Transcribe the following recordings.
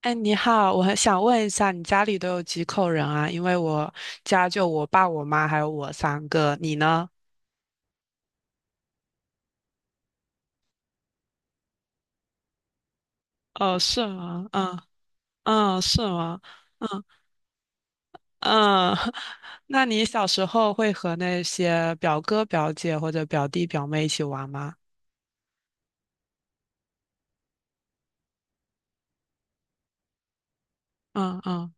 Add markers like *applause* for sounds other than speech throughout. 哎，你好，我很想问一下，你家里都有几口人啊？因为我家就我爸、我妈还有我三个，你呢？哦，是吗？嗯嗯，是吗？嗯嗯，*laughs* 那你小时候会和那些表哥、表姐或者表弟、表妹一起玩吗？嗯嗯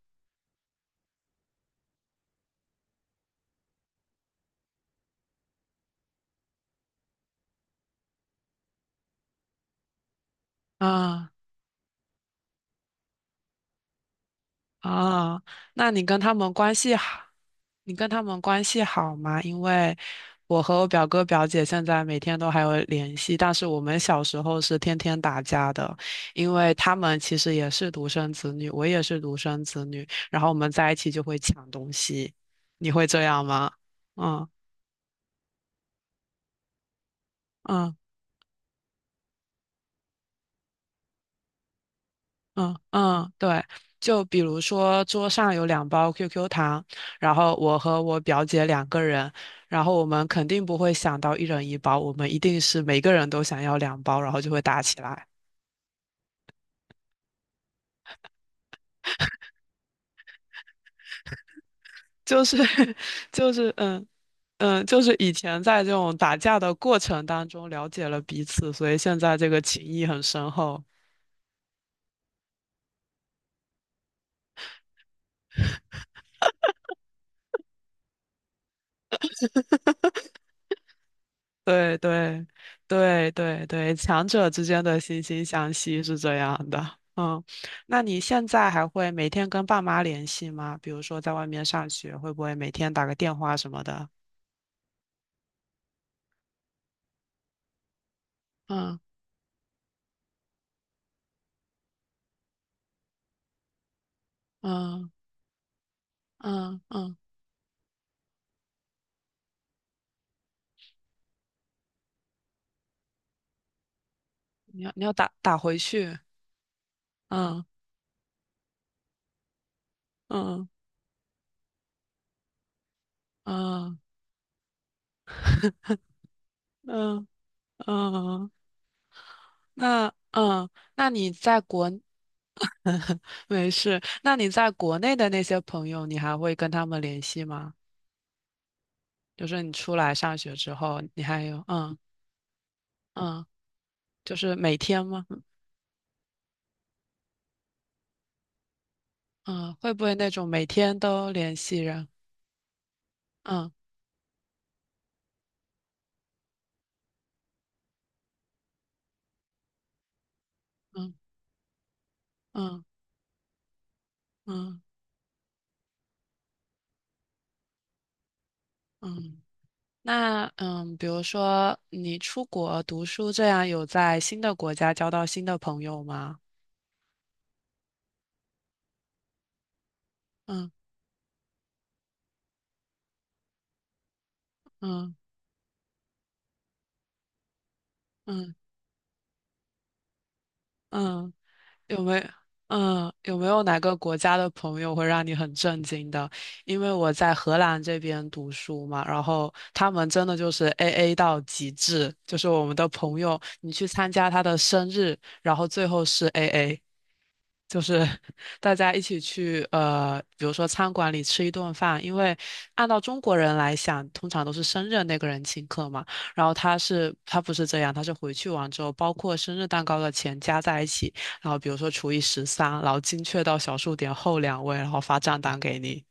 嗯啊，那你跟他们关系好，你跟他们关系好吗？因为我和我表哥表姐现在每天都还有联系，但是我们小时候是天天打架的，因为他们其实也是独生子女，我也是独生子女，然后我们在一起就会抢东西。你会这样吗？嗯嗯。嗯嗯，对，就比如说桌上有两包 QQ 糖，然后我和我表姐两个人，然后我们肯定不会想到一人一包，我们一定是每个人都想要两包，然后就会打起来，就是 *laughs* 就是嗯嗯，就是以前在这种打架的过程当中了解了彼此，所以现在这个情谊很深厚。对对对对对，强者之间的惺惺相惜是这样的。嗯，那你现在还会每天跟爸妈联系吗？比如说在外面上学，会不会每天打个电话什么的？嗯嗯嗯嗯，你要打打回去。嗯嗯嗯嗯嗯，那嗯，那你在国 *laughs* 没事，那你在国内的那些朋友，你还会跟他们联系吗？就是你出来上学之后，你还有嗯嗯，就是每天吗？嗯，会不会那种每天都联系人？嗯嗯嗯嗯嗯。那嗯，比如说你出国读书，这样有在新的国家交到新的朋友吗？嗯嗯嗯嗯有没嗯有没有哪个国家的朋友会让你很震惊的？因为我在荷兰这边读书嘛，然后他们真的就是 AA 到极致，就是我们的朋友，你去参加他的生日，然后最后是 AA。就是 *laughs* 大家一起去比如说餐馆里吃一顿饭，因为按照中国人来想，通常都是生日那个人请客嘛。然后他是他不是这样，他是回去完之后，包括生日蛋糕的钱加在一起，然后比如说除以十三，然后精确到小数点后两位，然后发账单给你。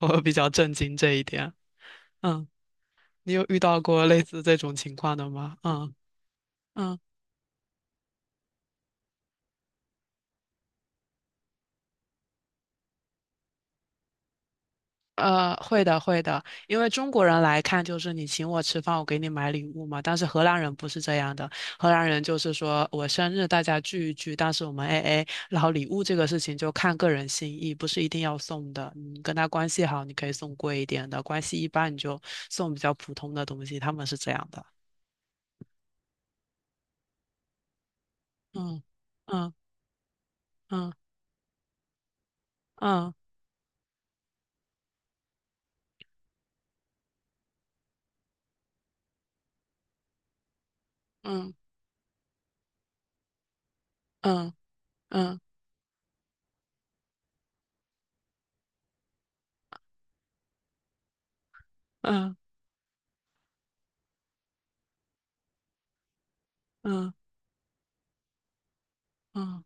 我比较震惊这一点。嗯，你有遇到过类似这种情况的吗？嗯嗯。会的，会的，因为中国人来看就是你请我吃饭，我给你买礼物嘛。但是荷兰人不是这样的，荷兰人就是说我生日大家聚一聚，但是我们 AA，然后礼物这个事情就看个人心意，不是一定要送的。你跟他关系好，你可以送贵一点的；关系一般，你就送比较普通的东西。他们是这样的。嗯嗯嗯嗯嗯嗯嗯嗯嗯嗯。嗯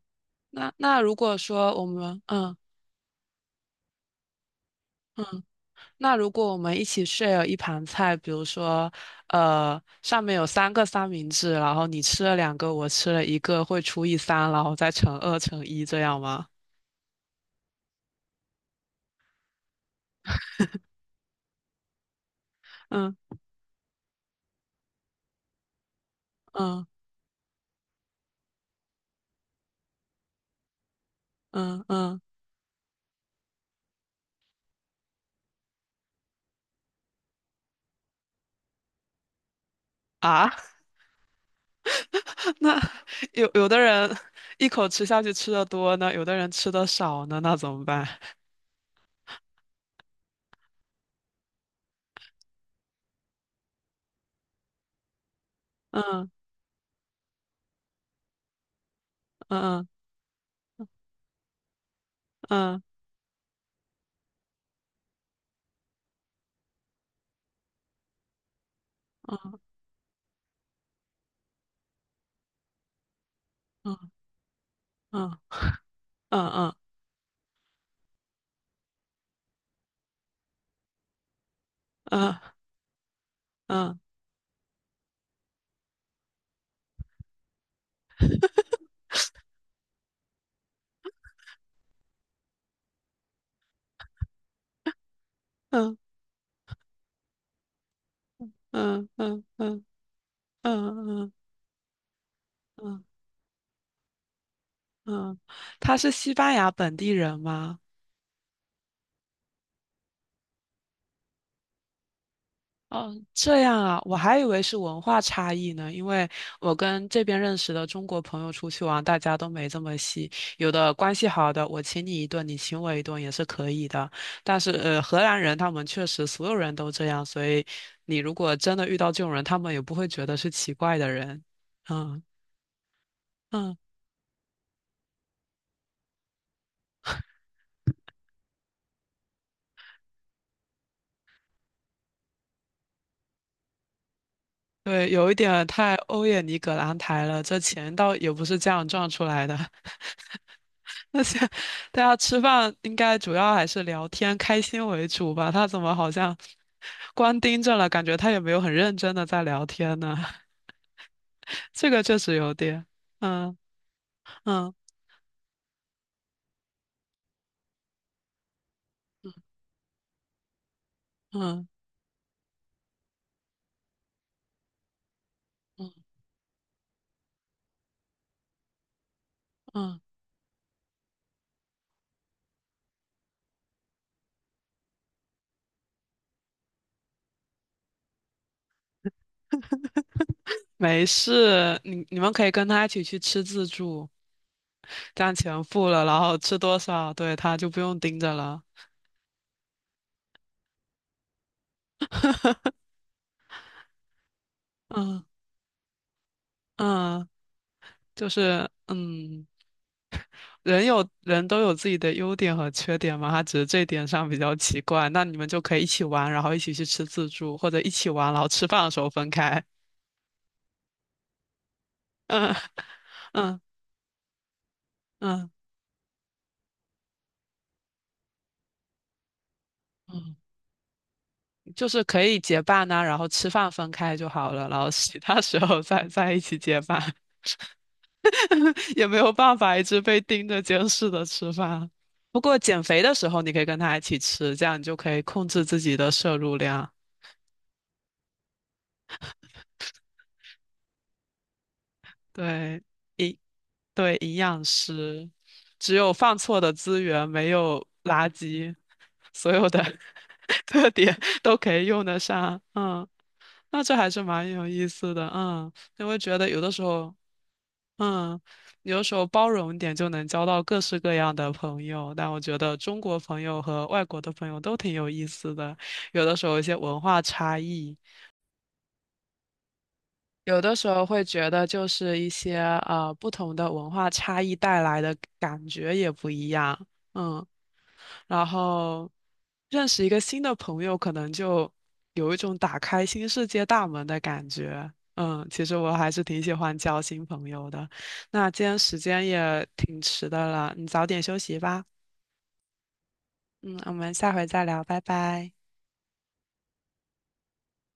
那如果说我们嗯。嗯那如果我们一起 share 一盘菜，比如说，上面有三个三明治，然后你吃了两个，我吃了一个，会除以三，然后再乘二乘一这样吗？嗯嗯嗯嗯啊，那有的人一口吃下去吃的多呢，有的人吃的少呢，那怎么办？嗯嗯嗯嗯嗯嗯嗯嗯嗯嗯嗯嗯嗯嗯嗯。嗯，他是西班牙本地人吗？哦，这样啊，我还以为是文化差异呢，因为我跟这边认识的中国朋友出去玩，大家都没这么细，有的关系好的，我请你一顿，你请我一顿也是可以的。但是荷兰人他们确实所有人都这样，所以你如果真的遇到这种人，他们也不会觉得是奇怪的人。嗯嗯，对，有一点太欧也尼葛朗台了，这钱倒也不是这样赚出来的。*laughs* 而且大家吃饭应该主要还是聊天、开心为主吧？他怎么好像光盯着了，感觉他也没有很认真的在聊天呢？*laughs* 这个确实有点，嗯嗯嗯嗯嗯，没事，你们可以跟他一起去吃自助，这样钱付了，然后吃多少，对，他就不用盯着了。嗯嗯，就是嗯。人有人都有自己的优点和缺点嘛，他只是这点上比较奇怪。那你们就可以一起玩，然后一起去吃自助，或者一起玩，然后吃饭的时候分开。*laughs* 嗯嗯嗯嗯，就是可以结伴呐、然后吃饭分开就好了，然后其他时候再在一起结伴，*laughs* 也没有办法一直被盯着监视的吃饭。不过减肥的时候你可以跟他一起吃，这样你就可以控制自己的摄入量。对。一。对，营养师，只有放错的资源，没有垃圾，所有的 *laughs* 特点都可以用得上。嗯，那这还是蛮有意思的。嗯，因为觉得有的时候，嗯，有的时候包容一点就能交到各式各样的朋友。但我觉得中国朋友和外国的朋友都挺有意思的，有的时候有一些文化差异。有的时候会觉得，就是一些不同的文化差异带来的感觉也不一样，嗯，然后认识一个新的朋友，可能就有一种打开新世界大门的感觉，嗯，其实我还是挺喜欢交新朋友的。那今天时间也挺迟的了，你早点休息吧，嗯，我们下回再聊，拜拜。